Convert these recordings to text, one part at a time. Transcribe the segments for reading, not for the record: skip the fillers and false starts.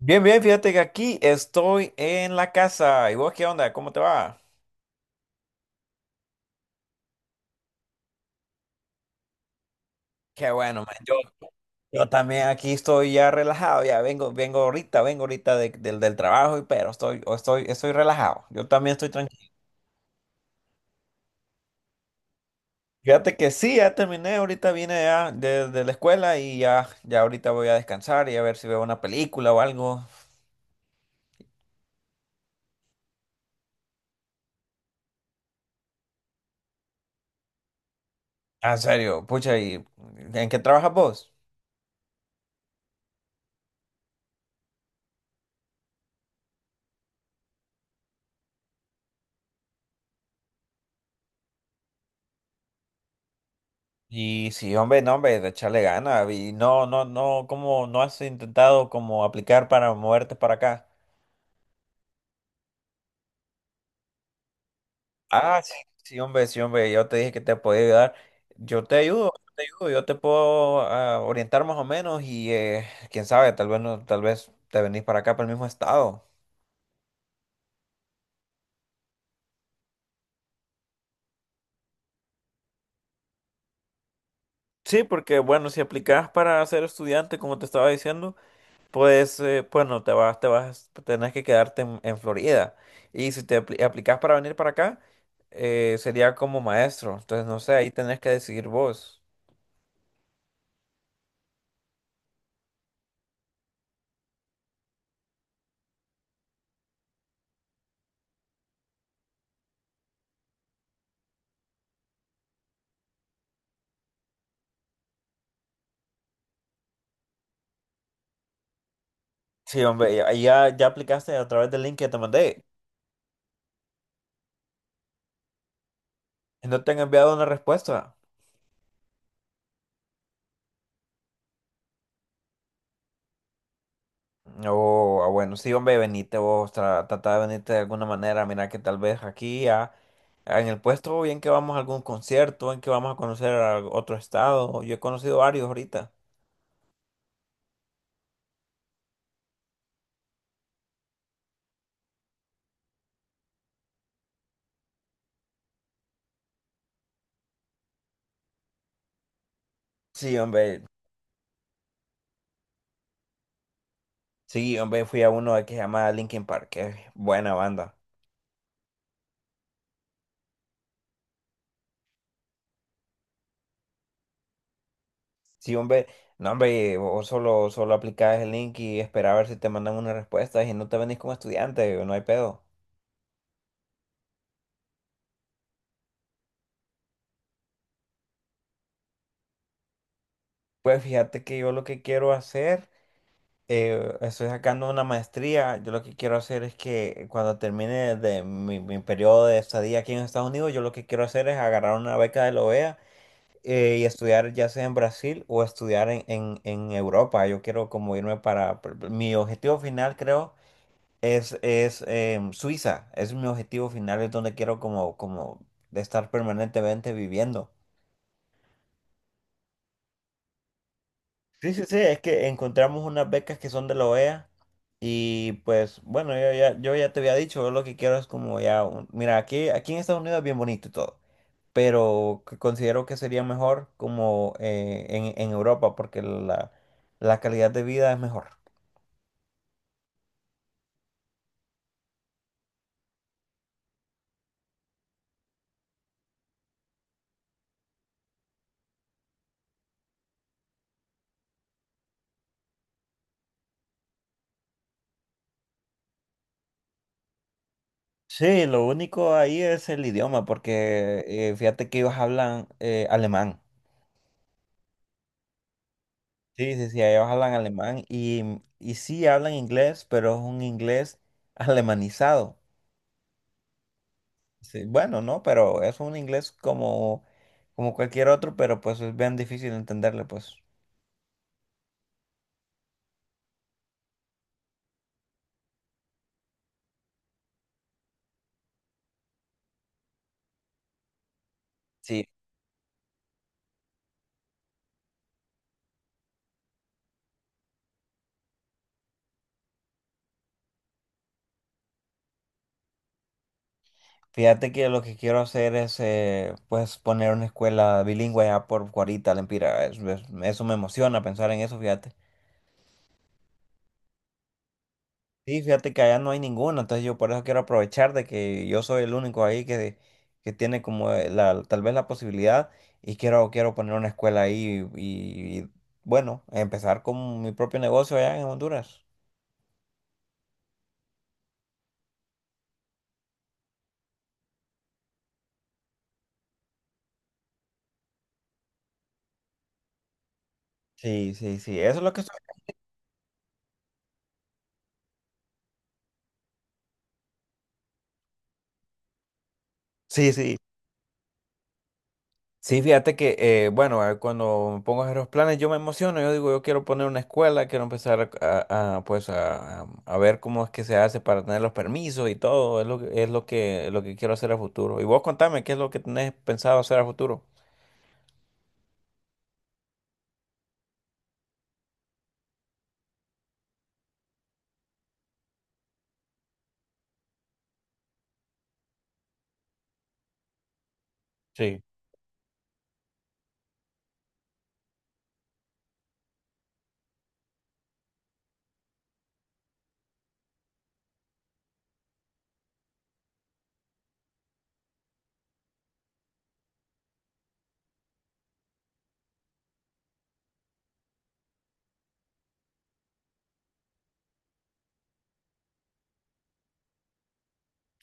Bien, bien, fíjate que aquí estoy en la casa. ¿Y vos qué onda? ¿Cómo te va? Qué bueno, man. Yo también aquí estoy ya relajado. Ya vengo, vengo ahorita del trabajo, pero estoy, estoy relajado. Yo también estoy tranquilo. Fíjate que sí, ya terminé. Ahorita vine ya de la escuela y ya, ya ahorita voy a descansar y a ver si veo una película o algo. Ah, en serio, pucha, ¿y en qué trabajas vos? Y sí, hombre, no, hombre, de echarle ganas. Y no, no, no, ¿cómo no has intentado como aplicar para moverte para acá? Ah, sí, sí, hombre, yo te dije que te podía ayudar. Yo te ayudo, yo te ayudo, yo te puedo orientar más o menos y quién sabe, tal vez no, tal vez te venís para acá, para el mismo estado. Sí, porque bueno, si aplicas para ser estudiante, como te estaba diciendo. Pues, bueno, te vas, tenés que quedarte en Florida. Y si te aplicas para venir para acá, sería como maestro. Entonces, no sé, ahí tenés que decidir vos. Sí, hombre, ya, ya aplicaste a través del link que te mandé. ¿Y no te han enviado una respuesta? O, ah, bueno, sí, hombre, venite vos, trata de venirte de alguna manera. Mira que tal vez aquí en el puesto, bien que vamos a algún concierto, en que vamos a conocer a otro estado. Yo he conocido varios ahorita. Sí, hombre. Sí, hombre, fui a uno que se llama Linkin Park, que es buena banda. Sí, hombre, no, hombre, vos solo, solo aplicabas el link y esperabas a ver si te mandan una respuesta y no te venís como estudiante, no hay pedo. Pues fíjate que yo lo que quiero hacer, estoy sacando una maestría, yo lo que quiero hacer es que cuando termine de mi periodo de estadía aquí en Estados Unidos, yo lo que quiero hacer es agarrar una beca de la OEA y estudiar ya sea en Brasil o estudiar en Europa. Yo quiero como irme para, mi objetivo final creo es Suiza, es mi objetivo final, es donde quiero como de estar permanentemente viviendo. Sí, sí, sí, es que encontramos unas becas que son de la OEA y pues bueno, yo ya, yo ya te había dicho, yo lo que quiero es como ya, mira, aquí en Estados Unidos es bien bonito y todo, pero que considero que sería mejor como en Europa porque la calidad de vida es mejor. Sí, lo único ahí es el idioma, porque fíjate que ellos hablan alemán. Sí, sí, sí, ellos hablan alemán y sí hablan inglés, pero es un inglés alemanizado. Sí, bueno, no, pero es un inglés como, como cualquier otro, pero pues es bien difícil entenderle, pues. Sí, fíjate que lo que quiero hacer es pues poner una escuela bilingüe ya por Cuarita, Lempira. Eso me emociona pensar en eso, fíjate. Sí, fíjate que allá no hay ninguno, entonces yo por eso quiero aprovechar de que yo soy el único ahí que tiene como la, tal vez la posibilidad y quiero, quiero poner una escuela ahí y, bueno, empezar con mi propio negocio allá en Honduras. Sí, sí, sí, eso es lo que estoy. Sí, sí. Sí, fíjate que, bueno, cuando me pongo a hacer los planes, yo me emociono, yo digo, yo quiero poner una escuela, quiero empezar pues a ver cómo es que se hace para tener los permisos y todo, es lo que quiero hacer a futuro. Y vos contame, ¿qué es lo que tenés pensado hacer a futuro? Sí.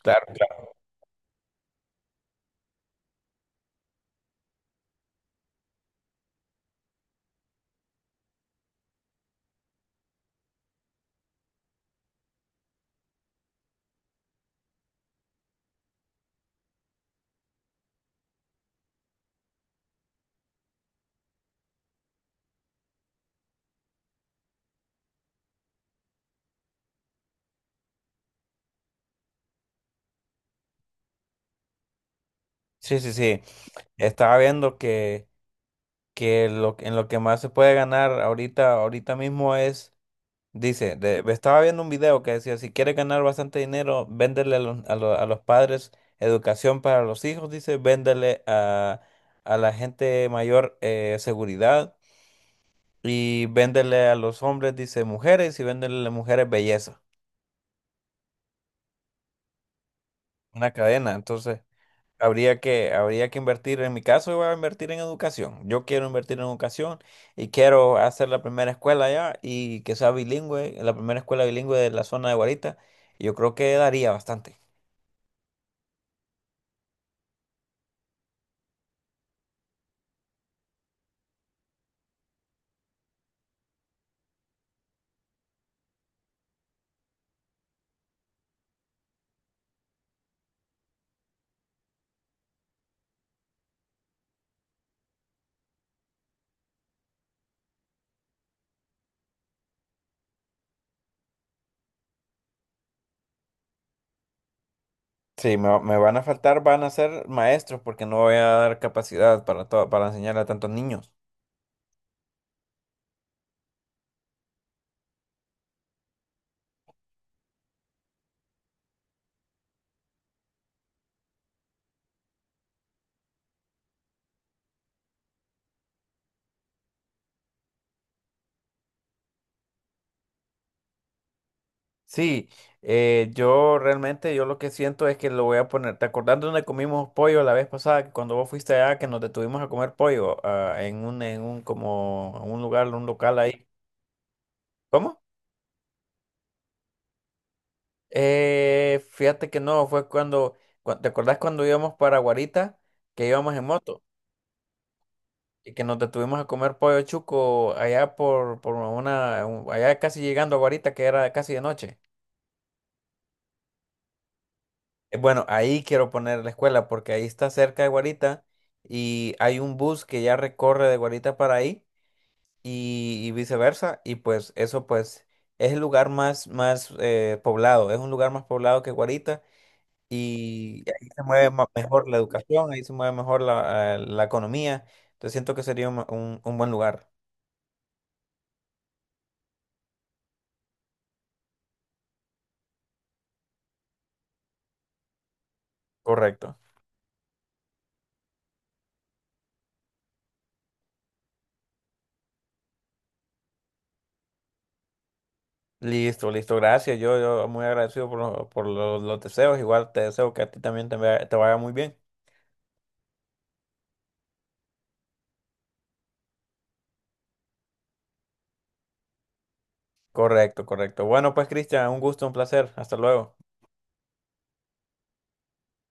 Claro, claro. Sí, sí, sí. Estaba viendo que lo, en lo que más se puede ganar ahorita mismo es. Dice, estaba viendo un video que decía, si quieres ganar bastante dinero, véndele a los, a los padres educación para los hijos, dice, véndele a la gente mayor seguridad y véndele a los hombres, dice, mujeres y véndele a las mujeres belleza. Una cadena, entonces habría que invertir, en mi caso, yo voy a invertir en educación. Yo quiero invertir en educación y quiero hacer la primera escuela allá y que sea bilingüe, la primera escuela bilingüe de la zona de Guarita. Yo creo que daría bastante. Sí, me van a faltar, van a ser maestros porque no voy a dar capacidad para todo, para enseñar a tantos niños. Sí, yo realmente, yo lo que siento es que lo voy a poner, ¿te acordás de donde comimos pollo la vez pasada? Que cuando vos fuiste allá, que nos detuvimos a comer pollo, ah, en un, como, un lugar, un local ahí. ¿Cómo? Fíjate que no, fue cuando, ¿te acordás cuando íbamos para Guarita, que íbamos en moto? Y que nos detuvimos a comer pollo chuco allá por, allá casi llegando a Guarita, que era casi de noche. Bueno, ahí quiero poner la escuela porque ahí está cerca de Guarita y hay un bus que ya recorre de Guarita para ahí y viceversa y pues eso pues es el lugar más poblado, es un lugar más poblado que Guarita y ahí se mueve mejor la educación, ahí se mueve mejor la, la economía, entonces siento que sería un buen lugar, correcto. Listo, listo, gracias. Yo muy agradecido por, por los deseos. Igual te deseo que a ti también te vaya muy bien. Correcto, correcto. Bueno, pues Cristian, un gusto, un placer. Hasta luego.